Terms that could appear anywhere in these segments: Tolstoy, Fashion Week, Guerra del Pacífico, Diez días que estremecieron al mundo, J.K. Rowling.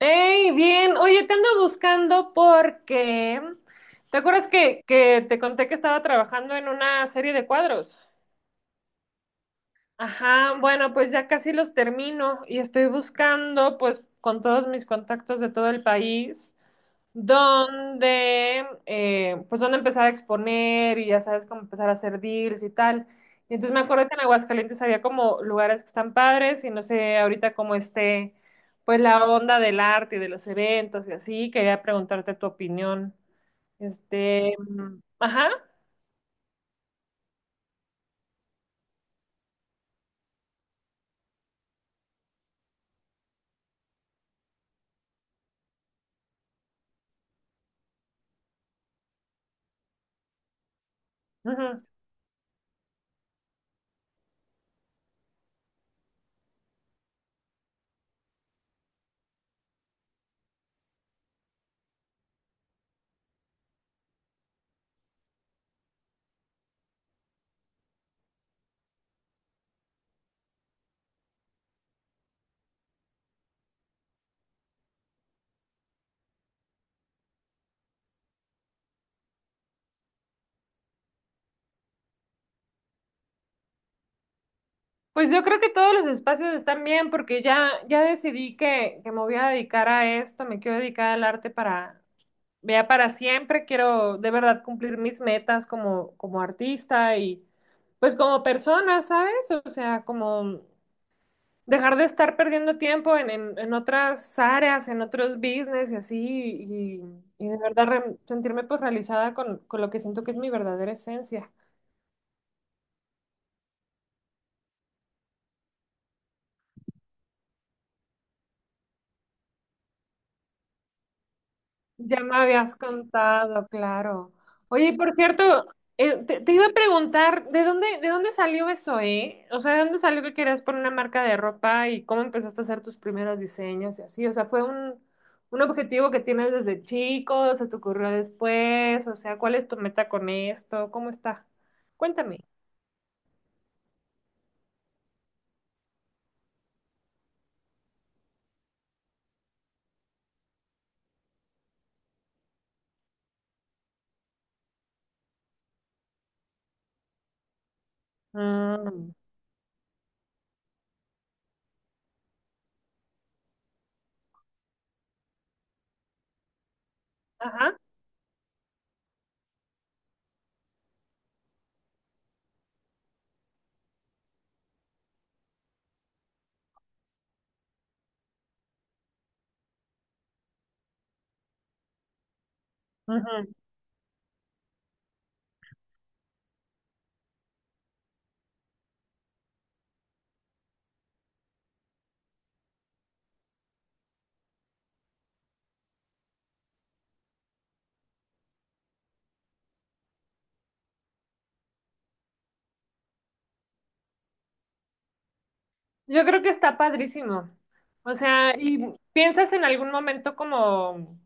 Hey, bien. Oye, te ando buscando porque... ¿Te acuerdas que te conté que estaba trabajando en una serie de cuadros? Ajá, bueno, pues ya casi los termino y estoy buscando, pues, con todos mis contactos de todo el país, donde, pues, dónde empezar a exponer y ya sabes cómo empezar a hacer deals y tal. Y entonces me acuerdo que en Aguascalientes había como lugares que están padres y no sé ahorita cómo esté, pues, la onda del arte y de los eventos y así. Quería preguntarte tu opinión. Este, ajá. Ujú. Pues yo creo que todos los espacios están bien porque ya decidí que me voy a dedicar a esto, me quiero dedicar al arte para, vea para siempre, quiero de verdad cumplir mis metas como, como artista y pues como persona, ¿sabes? O sea, como dejar de estar perdiendo tiempo en otras áreas, en otros business y así, y, y de verdad sentirme pues realizada con lo que siento que es mi verdadera esencia. Ya me habías contado, claro. Oye, y por cierto, te iba a preguntar, de dónde salió eso, eh? O sea, ¿de dónde salió que querías poner una marca de ropa y cómo empezaste a hacer tus primeros diseños y así? O sea, ¿fue un objetivo que tienes desde chico? ¿Se te ocurrió después? O sea, ¿cuál es tu meta con esto? ¿Cómo está? Cuéntame. Mm, ajá. Ujú. Yo creo que está padrísimo. O sea, ¿y piensas en algún momento como...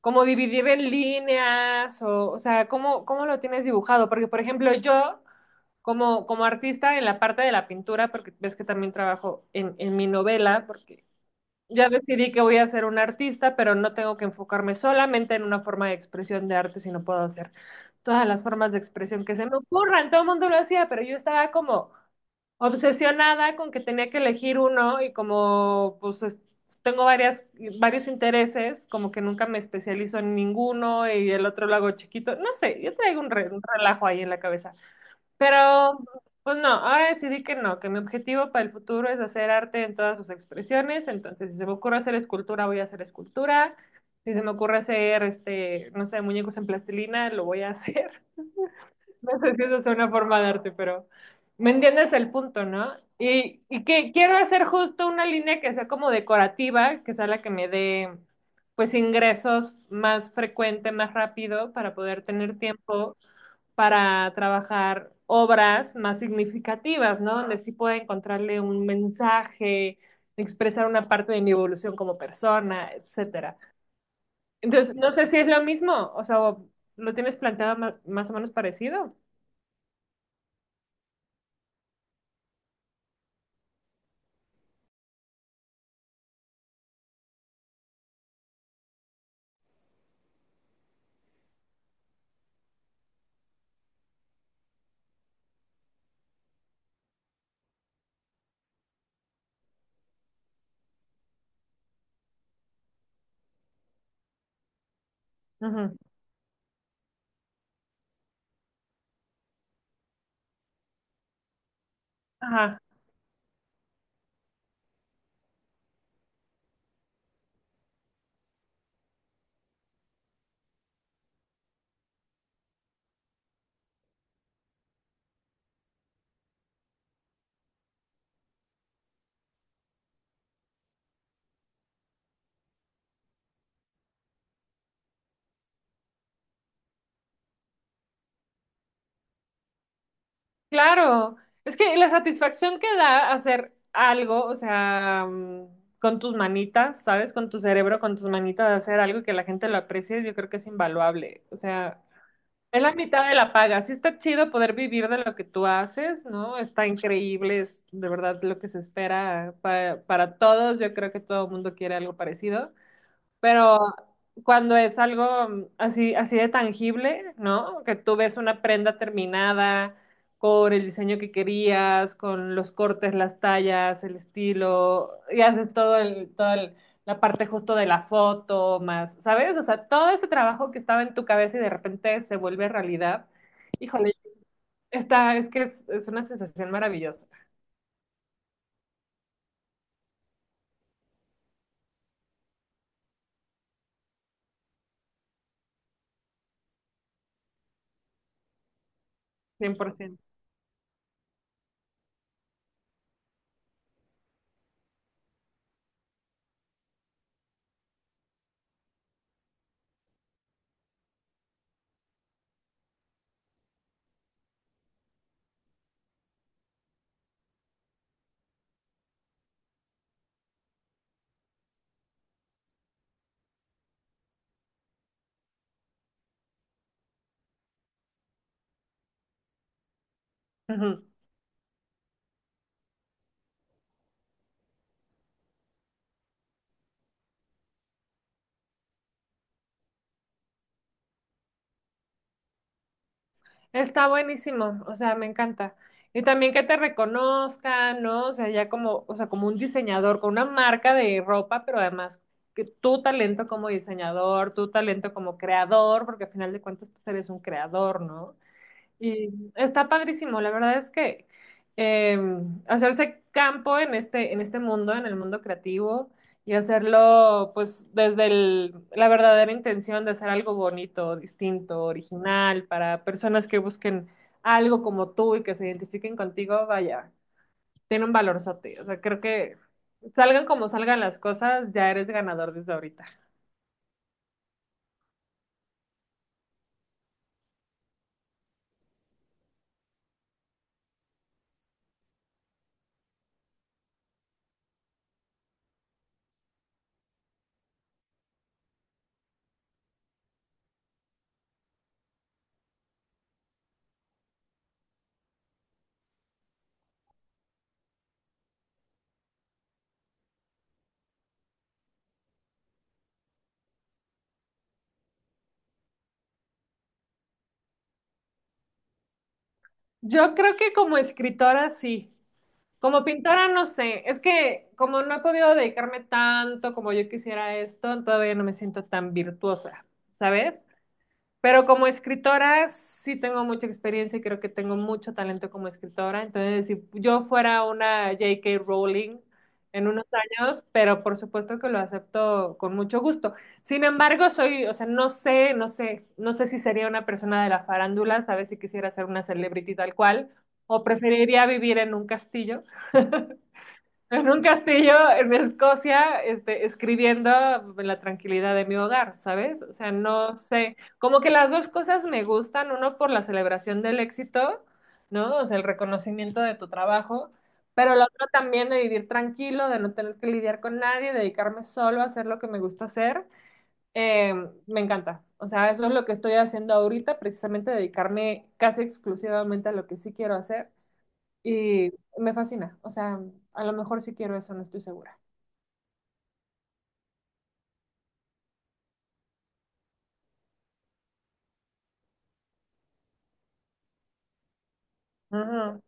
como dividir en líneas o sea, ¿cómo, cómo lo tienes dibujado? Porque, por ejemplo, yo como, como artista en la parte de la pintura, porque ves que también trabajo en mi novela, porque ya decidí que voy a ser un artista, pero no tengo que enfocarme solamente en una forma de expresión de arte, sino puedo hacer todas las formas de expresión que se me ocurran. Todo el mundo lo hacía, pero yo estaba como obsesionada con que tenía que elegir uno y como pues tengo varias, varios intereses, como que nunca me especializo en ninguno y el otro lo hago chiquito. No sé, yo traigo un, un relajo ahí en la cabeza. Pero pues no, ahora decidí que no, que mi objetivo para el futuro es hacer arte en todas sus expresiones. Entonces, si se me ocurre hacer escultura, voy a hacer escultura. Si se me ocurre hacer, este, no sé, muñecos en plastilina, lo voy a hacer. No sé si eso es una forma de arte, pero me entiendes el punto, ¿no? Y que quiero hacer justo una línea que sea como decorativa, que sea la que me dé pues ingresos más frecuente, más rápido, para poder tener tiempo para trabajar obras más significativas, ¿no? Donde sí pueda encontrarle un mensaje, expresar una parte de mi evolución como persona, etcétera. Entonces, no sé si es lo mismo, o sea, ¿lo tienes planteado más o menos parecido? Ujú. Ajá, claro. Es que la satisfacción que da hacer algo, o sea, con tus manitas, ¿sabes? Con tu cerebro, con tus manitas, hacer algo que la gente lo aprecie, yo creo que es invaluable. O sea, es la mitad de la paga. Sí está chido poder vivir de lo que tú haces, ¿no? Está increíble, es de verdad lo que se espera para todos. Yo creo que todo el mundo quiere algo parecido. Pero cuando es algo así, así de tangible, ¿no? Que tú ves una prenda terminada con el diseño que querías, con los cortes, las tallas, el estilo, y haces la parte justo de la foto, más, ¿sabes? O sea, todo ese trabajo que estaba en tu cabeza y de repente se vuelve realidad. Híjole, esta es que es una sensación maravillosa, 100%. Está buenísimo, o sea, me encanta. Y también que te reconozcan, ¿no? O sea, ya como, o sea, como un diseñador, con una marca de ropa, pero además que tu talento como diseñador, tu talento como creador, porque al final de cuentas, pues eres un creador, ¿no? Y está padrísimo, la verdad es que eh, hacerse campo en este mundo, en el mundo creativo, y hacerlo pues desde la verdadera intención de hacer algo bonito, distinto, original, para personas que busquen algo como tú y que se identifiquen contigo, vaya, tiene un valorzote. O sea, creo que salgan como salgan las cosas, ya eres ganador desde ahorita. Yo creo que como escritora sí. Como pintora, no sé, es que como no he podido dedicarme tanto como yo quisiera a esto, todavía no me siento tan virtuosa, ¿sabes? Pero como escritora sí tengo mucha experiencia y creo que tengo mucho talento como escritora. Entonces, si yo fuera una J.K. Rowling en unos años, pero por supuesto que lo acepto con mucho gusto. Sin embargo, soy, o sea, no sé si sería una persona de la farándula, sabes si quisiera ser una celebrity tal cual, o preferiría vivir en un castillo. En un castillo en Escocia, este, escribiendo en la tranquilidad de mi hogar, ¿sabes? O sea, no sé, como que las dos cosas me gustan, uno por la celebración del éxito, ¿no? O sea, el reconocimiento de tu trabajo, pero la otra también de vivir tranquilo, de no tener que lidiar con nadie, dedicarme solo a hacer lo que me gusta hacer, eh, me encanta. O sea, eso es lo que estoy haciendo ahorita, precisamente dedicarme casi exclusivamente a lo que sí quiero hacer. Y me fascina. O sea, a lo mejor sí quiero eso, no estoy segura. Ujú.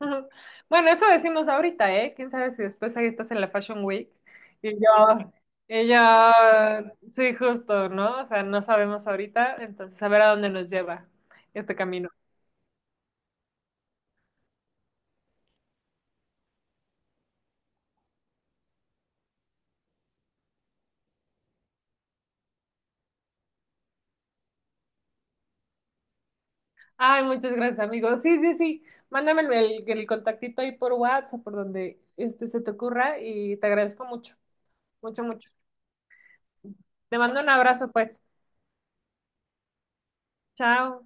Bueno, eso decimos ahorita, ¿eh? ¿Quién sabe si después ahí estás en la Fashion Week? Y yo, y yo, sí, justo, ¿no? O sea, no sabemos ahorita, entonces a ver a dónde nos lleva este camino. Ay, muchas gracias, amigo. Sí, sí, sí. Mándame el contactito ahí por WhatsApp o por donde este se te ocurra y te agradezco mucho, mucho, mucho. Te mando un abrazo, pues. Chao.